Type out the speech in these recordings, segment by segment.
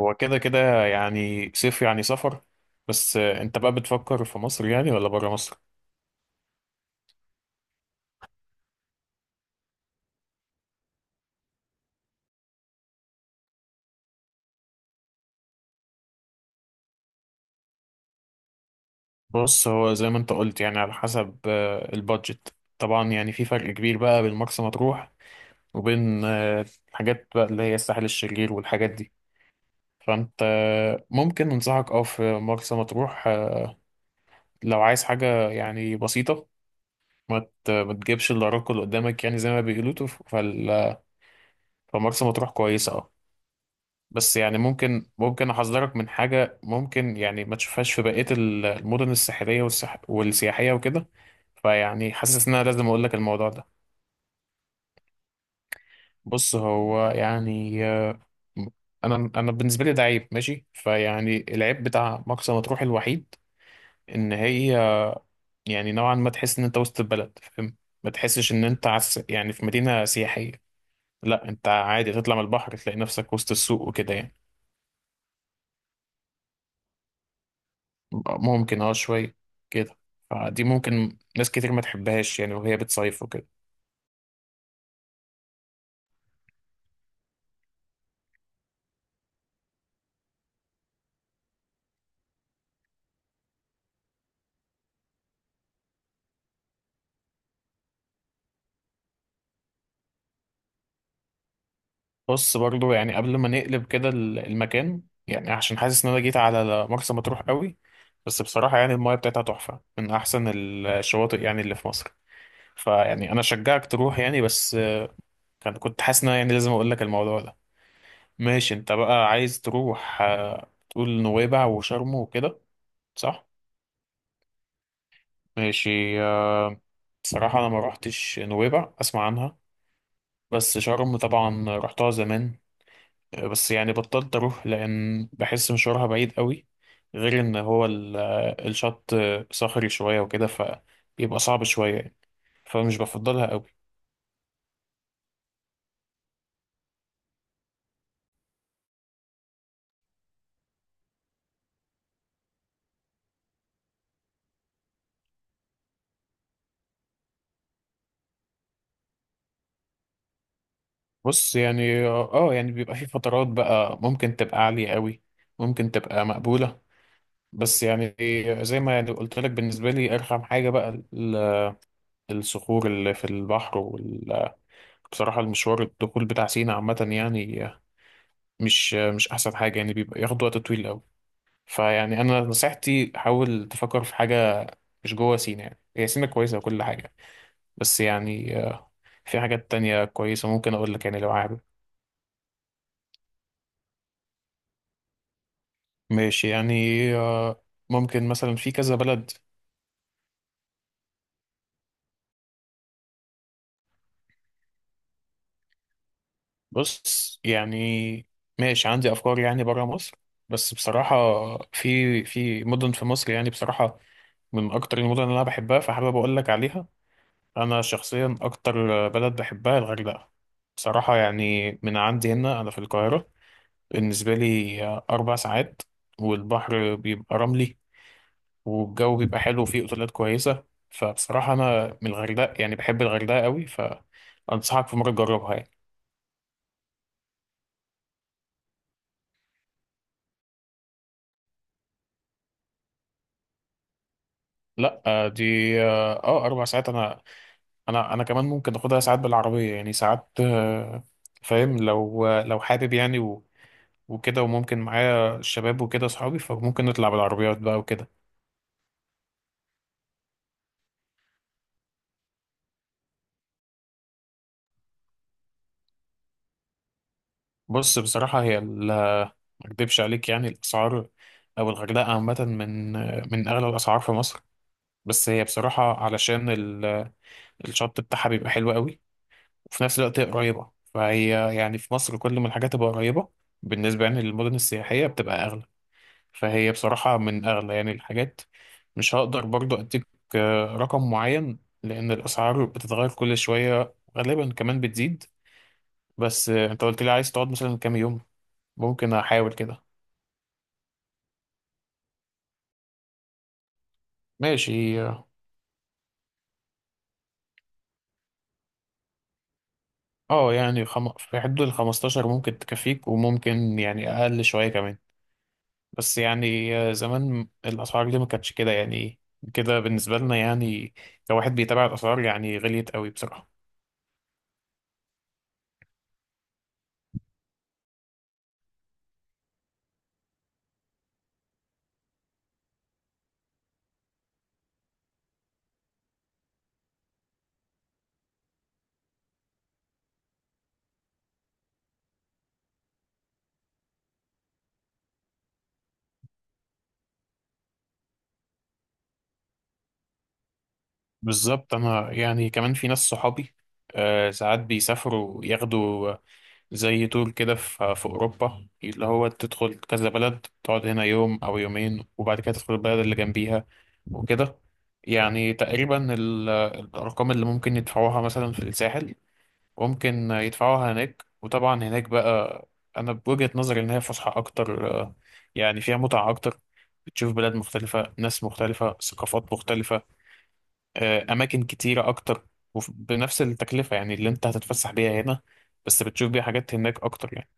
هو كده كده، يعني صيف يعني سفر. بس انت بقى بتفكر في مصر يعني ولا بره مصر؟ بص، هو زي ما انت قلت يعني على حسب البادجت. طبعا يعني في فرق كبير بقى بين مرسى مطروح وبين الحاجات بقى اللي هي الساحل الشرير والحاجات دي. فانت ممكن انصحك في مرسى مطروح، لو عايز حاجة يعني بسيطة. ما تجيبش الا راكل قدامك يعني زي ما بيقولوا فمرسى مطروح كويسة بس يعني ممكن احذرك من حاجه ممكن يعني ما تشوفهاش في بقيه المدن الساحليه والسياحيه وكده. فيعني حاسس ان انا لازم اقول لك الموضوع ده. بص، هو يعني. انا بالنسبه لي ده عيب ماشي. فيعني العيب بتاع مرسى مطروح الوحيد ان هي، يعني نوعا ما، تحس ان انت وسط البلد، فاهم؟ ما تحسش ان انت يعني في مدينه سياحيه. لا، انت عادي تطلع من البحر تلاقي نفسك وسط السوق وكده يعني. ممكن شوية كده. فدي ممكن ناس كتير ما تحبهاش يعني وهي بتصيف وكده. بص، برضو يعني قبل ما نقلب كده المكان، يعني عشان حاسس ان انا جيت على مرسى مطروح قوي. بس بصراحة يعني المايه بتاعتها تحفة، من احسن الشواطئ يعني اللي في مصر. فيعني انا شجعك تروح يعني، بس كنت حاسس ان أنا يعني لازم اقول لك الموضوع ده. ماشي، انت بقى عايز تروح، تقول نويبع وشرم وكده، صح؟ ماشي. بصراحة انا ما روحتش نويبع، اسمع عنها بس. شرم طبعا رحتها زمان، بس يعني بطلت اروح لان بحس مشوارها بعيد قوي، غير ان هو الشط صخري شوية وكده فبيبقى صعب شوية يعني، فمش بفضلها قوي. بص يعني، يعني بيبقى في فترات بقى ممكن تبقى عالية قوي، ممكن تبقى مقبولة. بس يعني، زي ما يعني قلت لك، بالنسبة لي أرخم حاجة بقى الصخور اللي في البحر. وبصراحة المشوار الدخول بتاع سينا عامة يعني مش احسن حاجه يعني، بيبقى ياخد وقت طويل قوي. فيعني انا نصيحتي حاول تفكر في حاجه مش جوه سينا. يعني هي سينا كويسه وكل حاجه، بس يعني، في حاجات تانية كويسه ممكن اقول لك يعني لو عارف. ماشي يعني آه، ممكن مثلا في كذا بلد. بص يعني، ماشي عندي افكار يعني بره مصر، بس بصراحه، في مدن في مصر يعني بصراحه من اكتر المدن اللي انا بحبها، فحابب اقول لك عليها. انا شخصيا اكتر بلد بحبها الغردقه. بصراحه، يعني من عندي هنا انا في القاهره، بالنسبه لي 4 ساعات، والبحر بيبقى رملي، والجو بيبقى حلو، وفيه اوتيلات كويسه. فبصراحه انا من الغردقه يعني بحب الغردقه قوي، فانصحك في مره تجربها يعني. لا، دي 4 ساعات انا. انا كمان ممكن اخدها ساعات بالعربيه يعني، ساعات، فاهم؟ لو حابب يعني وكده، وممكن معايا الشباب وكده اصحابي، فممكن نطلع بالعربيات بقى وكده. بص بصراحة، هي ما اكدبش عليك، يعني الأسعار أو الغردقة عامة من أغلى الأسعار في مصر. بس هي بصراحة علشان الشط بتاعها بيبقى حلو قوي، وفي نفس الوقت هي قريبة. فهي يعني في مصر كل ما الحاجات تبقى قريبة بالنسبة يعني للمدن السياحية بتبقى أغلى. فهي بصراحة من أغلى يعني الحاجات. مش هقدر برضو أديك رقم معين لأن الأسعار بتتغير كل شوية، غالبا كمان بتزيد. بس، أنت قلت لي عايز تقعد مثلا كام يوم؟ ممكن أحاول كده. ماشي. اه يعني في حدود ال 15 ممكن تكفيك، وممكن يعني اقل شويه كمان. بس يعني، زمان الاسعار دي ما كانتش كده يعني، كده بالنسبه لنا يعني، كواحد بيتابع الاسعار يعني، غليت قوي بصراحه. بالظبط، انا يعني كمان في ناس صحابي، ساعات بيسافروا، ياخدوا زي تور كده في أوروبا اللي هو تدخل كذا بلد، تقعد هنا يوم أو يومين، وبعد كده تدخل البلد اللي جنبيها وكده. يعني تقريبا الأرقام اللي ممكن يدفعوها مثلا في الساحل ممكن يدفعوها هناك. وطبعا هناك بقى، أنا بوجهة نظري إن هي فسحة أكتر، يعني فيها متعة أكتر، بتشوف بلاد مختلفة، ناس مختلفة، ثقافات مختلفة، أماكن كتيرة أكتر، وبنفس التكلفة يعني اللي أنت هتتفسح بيها هنا بس بتشوف بيها حاجات هناك أكتر يعني.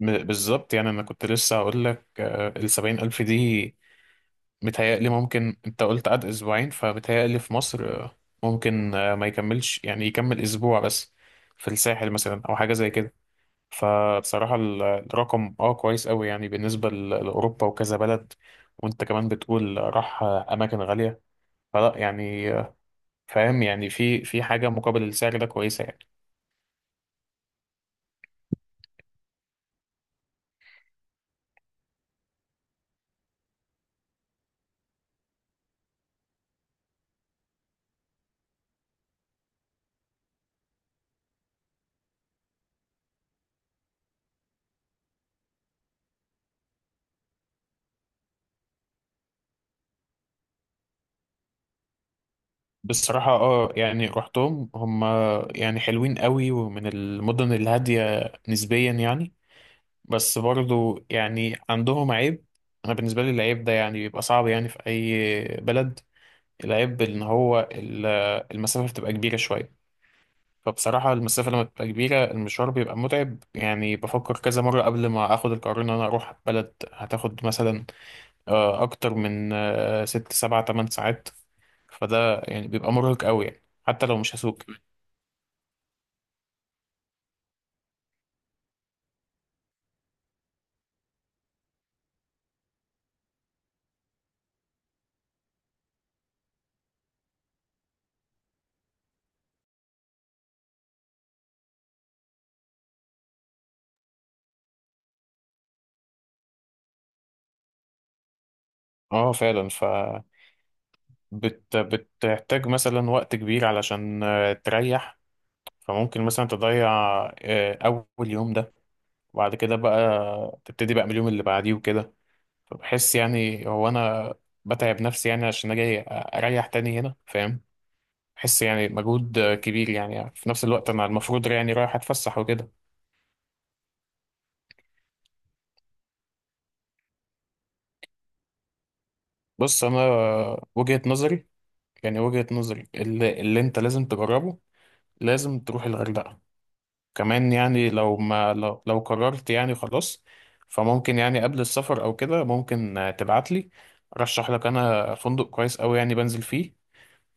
بالظبط، يعني انا كنت لسه هقول لك، 70,000 دي، متهيألي ممكن انت قلت قعد اسبوعين، فمتهيألي في مصر ممكن ما يكملش يعني، يكمل اسبوع بس في الساحل مثلا او حاجه زي كده. فبصراحه الرقم كويس قوي يعني، بالنسبه لاوروبا وكذا بلد، وانت كمان بتقول راح، اماكن غاليه. فلا يعني، فاهم يعني في حاجه مقابل السعر ده كويسه يعني. بصراحة يعني رحتهم، هم يعني حلوين قوي ومن المدن الهادية نسبيا يعني. بس برضو يعني عندهم عيب. أنا بالنسبة لي العيب ده يعني بيبقى صعب يعني في أي بلد. العيب إن هو المسافة بتبقى كبيرة شوية. فبصراحة المسافة لما بتبقى كبيرة، المشوار بيبقى متعب يعني، بفكر كذا مرة قبل ما آخد القرار إن أنا أروح بلد هتاخد مثلا أكتر من 6 7 8 ساعات. فده يعني بيبقى مرهق قوي يعني حتى لو مش هسوق. اه، فعلا. بتحتاج مثلا وقت كبير علشان تريح. فممكن مثلا تضيع اول يوم ده، وبعد كده بقى تبتدي بقى من اليوم اللي بعديه وكده. فبحس يعني هو انا بتعب نفسي يعني عشان اجي اريح تاني هنا، فاهم؟ بحس يعني مجهود كبير يعني، في نفس الوقت انا المفروض يعني رايح اتفسح وكده. بص، انا، وجهة نظري يعني، وجهة نظري اللي انت لازم تجربه، لازم تروح الغردقة كمان. يعني لو ما لو, لو قررت يعني خلاص، فممكن يعني قبل السفر او كده ممكن، تبعت لي، ارشح لك انا فندق كويس قوي يعني بنزل فيه.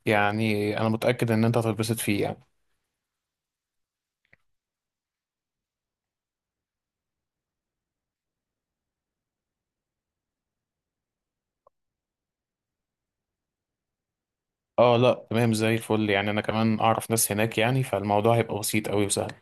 يعني انا متأكد ان انت هتتبسط فيه يعني. اه، لا تمام، زي الفل يعني. انا كمان اعرف ناس هناك يعني، فالموضوع هيبقى بسيط قوي وسهل.